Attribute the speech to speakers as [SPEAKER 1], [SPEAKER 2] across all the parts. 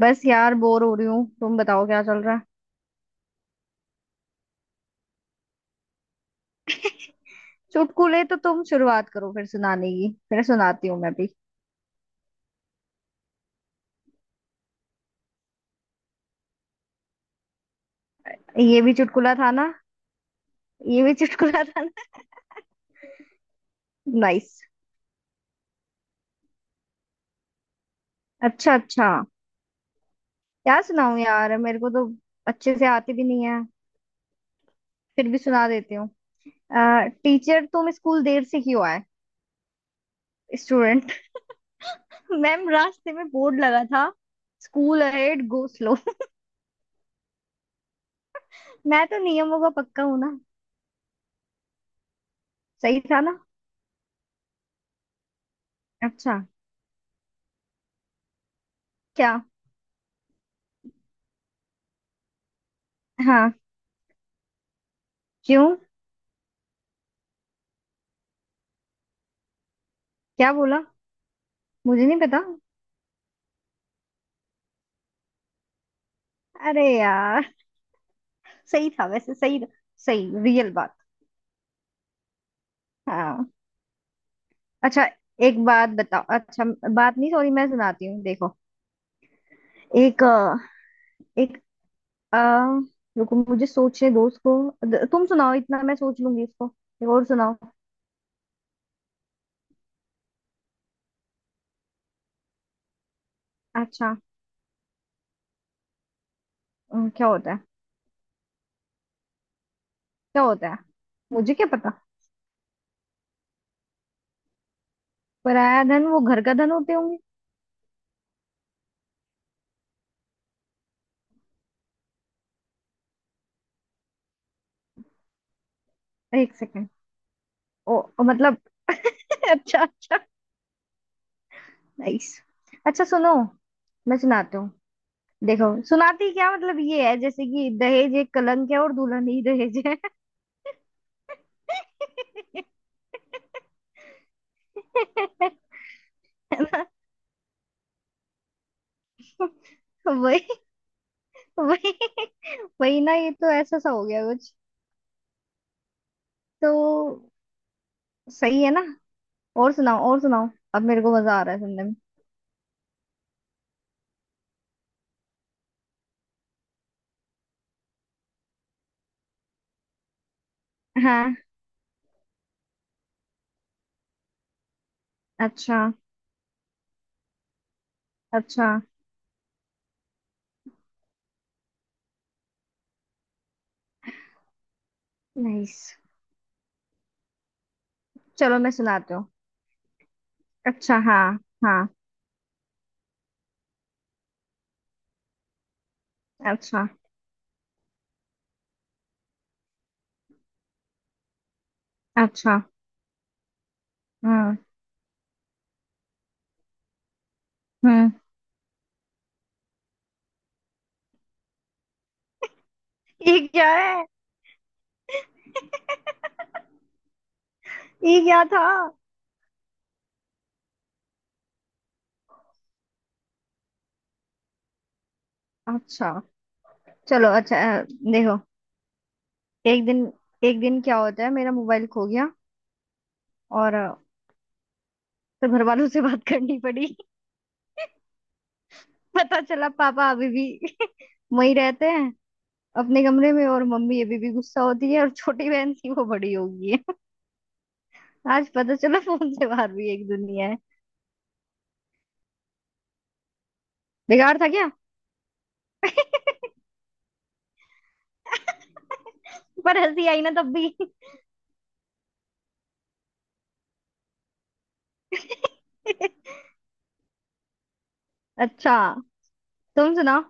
[SPEAKER 1] बस यार बोर हो रही हूँ। तुम बताओ क्या चल रहा है? चुटकुले तो तुम शुरुआत करो, फिर सुनाने की, फिर सुनाती हूँ मैं भी। ये भी चुटकुला था ना? ये भी चुटकुला था ना? नाइस। अच्छा अच्छा। क्या सुनाऊं यार, मेरे को तो अच्छे से आती भी नहीं है। फिर भी सुना देती हूँ। टीचर, तुम स्कूल देर से क्यों आए? स्टूडेंट। मैम, रास्ते में बोर्ड लगा था, स्कूल अहेड गो स्लो। मैं तो नियमों का पक्का हूँ ना। सही था ना? अच्छा। क्या? हाँ। क्यों? क्या बोला? मुझे नहीं पता। अरे यार। सही था, वैसे सही था, सही, रियल बात। हाँ। अच्छा। एक बात बताओ अच्छा। बात नहीं, सॉरी, मैं सुनाती हूँ। देखो, एक एक आ, रुको, मुझे सोचने दो उसको। तुम सुनाओ, इतना मैं सोच लूंगी इसको। एक और सुनाओ। अच्छा। क्या होता है? क्या होता है? मुझे क्या पता। पराया धन? वो घर का धन होते होंगे। एक सेकेंड। ओ ओ, मतलब। अच्छा अच्छा। नाइस। अच्छा सुनो, मैं सुनाती हूँ। देखो, सुनाती क्या, मतलब ये है, जैसे कि दहेज एक कलंक है और दुल्हन ही दहेज है। वही वही वही ना, ये तो ऐसा सा हो गया कुछ। तो सही है ना? और सुनाओ और सुनाओ। अब मेरे को मजा आ रहा है सुनने में। हाँ। अच्छा अच्छा। नाइस। चलो मैं सुनाती हूँ। अच्छा हाँ। हाँ। अच्छा अच्छा। हम्म हम्म। ये क्या है? ये क्या था? अच्छा चलो अच्छा देखो। एक दिन एक दिन क्या होता है, मेरा मोबाइल खो गया। और, तो घर वालों से बात करनी पड़ी। पता चला पापा अभी भी वहीं रहते हैं अपने कमरे में, और मम्मी अभी भी गुस्सा होती है, और छोटी बहन थी वो बड़ी हो गई है। आज पता चला फोन से बाहर भी एक दुनिया है। बेकार था क्या? पर हंसी आई ना तब भी। अच्छा। तुम सुनाओ।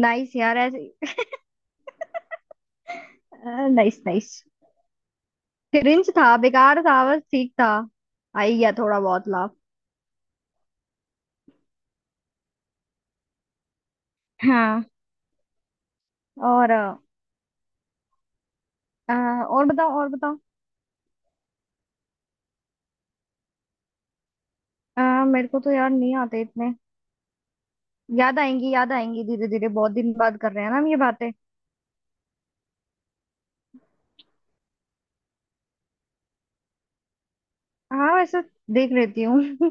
[SPEAKER 1] नाइस यार ऐसे। Nice nice. क्रिंज था, बेकार था, बस ठीक था। आई गया थोड़ा बहुत लाभ। हाँ। और अ, और बताओ और बताओ। मेरे को तो यार नहीं आते इतने। याद आएंगी धीरे धीरे, बहुत दिन बाद कर रहे हैं ना हम ये बातें। हाँ वैसे देख लेती हूँ।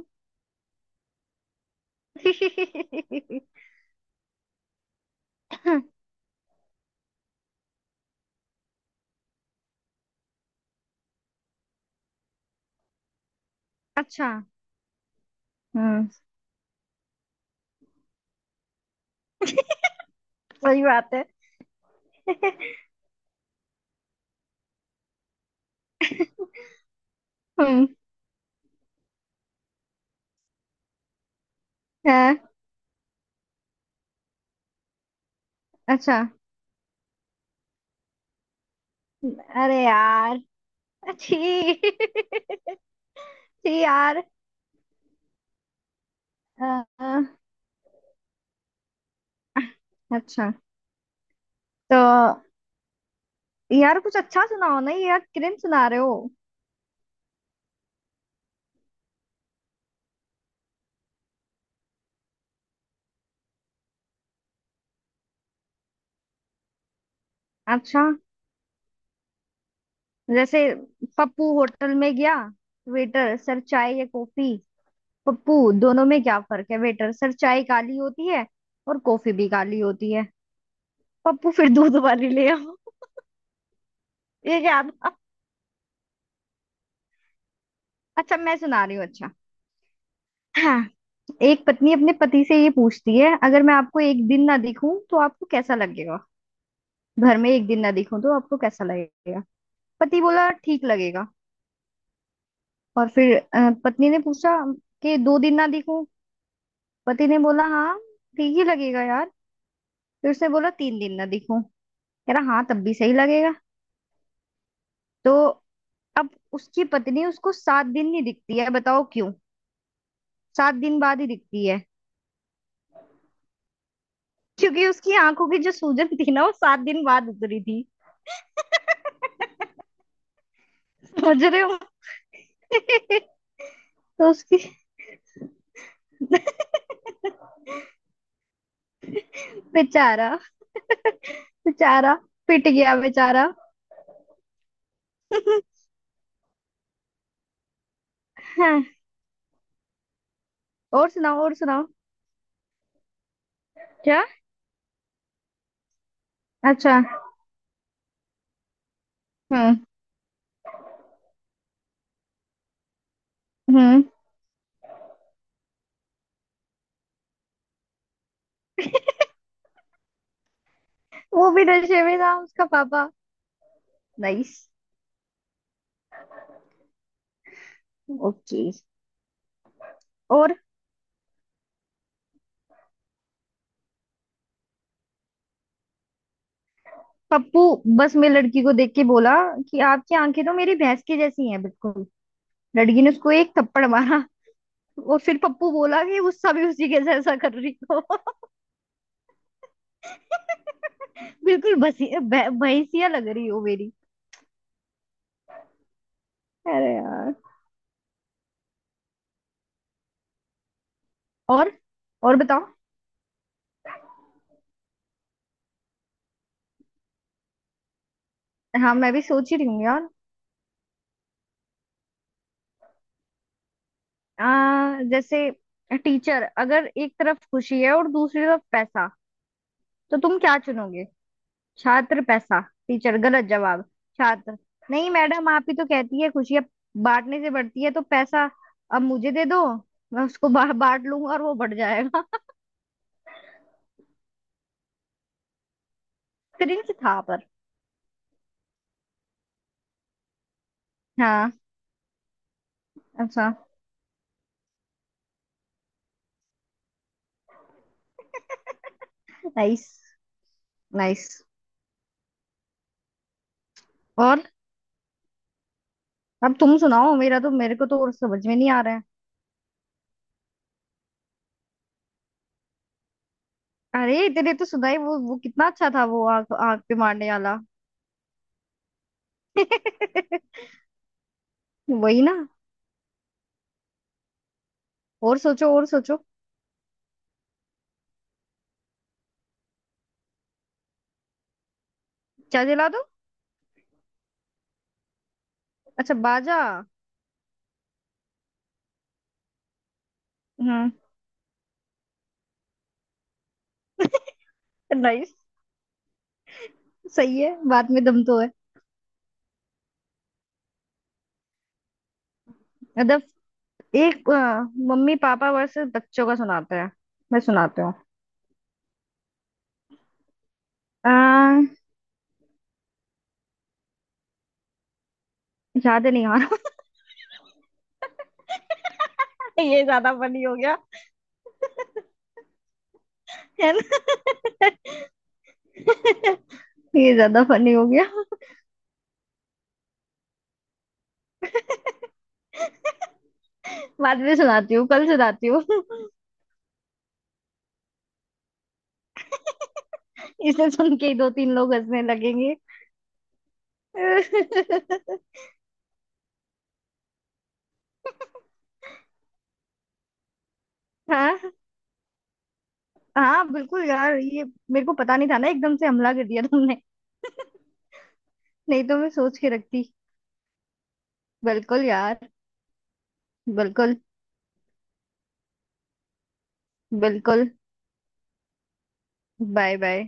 [SPEAKER 1] अच्छा। हम्म। सही बात है। हम्म। है, अच्छा। अरे यार। अच्छी अच्छी। यार। अ, अ, अच्छा। तो यार कुछ अच्छा सुनाओ ना, ये यार cringe सुना रहे हो। अच्छा, जैसे पप्पू होटल में गया। वेटर, सर चाय या कॉफी? पप्पू, दोनों में क्या फर्क है? वेटर, सर चाय काली होती है और कॉफी भी काली होती है। पप्पू, फिर दूध वाली ले आओ। ये क्या था? अच्छा मैं सुना रही हूँ अच्छा। हाँ। एक पत्नी अपने पति से ये पूछती है, अगर मैं आपको एक दिन ना दिखूं तो आपको कैसा लगेगा, घर में एक दिन ना दिखूं तो आपको कैसा लगेगा? पति बोला, ठीक लगेगा। और फिर पत्नी ने पूछा कि 2 दिन ना दिखूं। पति ने बोला हाँ, ठीक ही लगेगा यार। फिर उसने बोला 3 दिन ना दिखूं। कह रहा हाँ तब भी सही लगेगा। तो अब उसकी पत्नी उसको 7 दिन नहीं दिखती है, बताओ क्यों? सात दिन बाद ही दिखती है। क्योंकि उसकी आंखों की जो सूजन थी ना वो 7 दिन बाद उतरी थी। समझ रहे हो? तो उसकी। बेचारा, बेचारा, पिट गया बेचारा। हाँ, और सुनाओ और सुनाओ। क्या? अच्छा। हम्म हम्म। वो भी नशे में था उसका पापा। नाइस। ओके। और पप्पू बस में लड़की को देख के बोला कि आपकी आंखें तो मेरी भैंस की जैसी हैं बिल्कुल। लड़की ने उसको एक थप्पड़ मारा, और फिर पप्पू बोला कि गुस्सा भी उसी के जैसा कर रही हो। बिल्कुल भसी भैंसिया लग रही हो मेरी। अरे यार। और और बताओ। हाँ मैं भी सोच ही रही हूँ यार। जैसे टीचर, अगर एक तरफ खुशी है और दूसरी तरफ पैसा तो तुम क्या चुनोगे? छात्र, पैसा। टीचर, गलत जवाब। छात्र, नहीं मैडम, आप ही तो कहती है खुशियाँ बांटने से बढ़ती है, तो पैसा अब मुझे दे दो, मैं उसको बांट लूंगा और वो बढ़ जाएगा। क्रिंज था पर। हाँ। अच्छा। नाइस। नाइस। और, अब तुम सुनाओ, मेरा तो, मेरे को तो और समझ में नहीं आ रहा है। अरे तेरे तो सुनाई, वो कितना अच्छा था, वो आग आग पे मारने वाला। वही ना। और सोचो और सोचो। क्या जला दो? अच्छा, बाजा। हम्म। नाइस। सही है, बात में दम तो है। मतलब, एक मम्मी पापा वर्सेस बच्चों का सुनाते हैं, मैं सुनाती हूँ। अ, याद नहीं आ रहा। ये ज्यादा फनी हो गया, है ना। ये ज्यादा फनी हो गया। बाद में सुनाती हूँ, कल सुनाती हूँ। इसे सुन के ही दो तीन लोग हंसने लगेंगे। हाँ, हाँ बिल्कुल यार, ये मेरे को पता नहीं था ना, एकदम से हमला कर दिया तुमने। नहीं तो मैं सोच के रखती। बिल्कुल यार। बिल्कुल। बिल्कुल। Bye bye.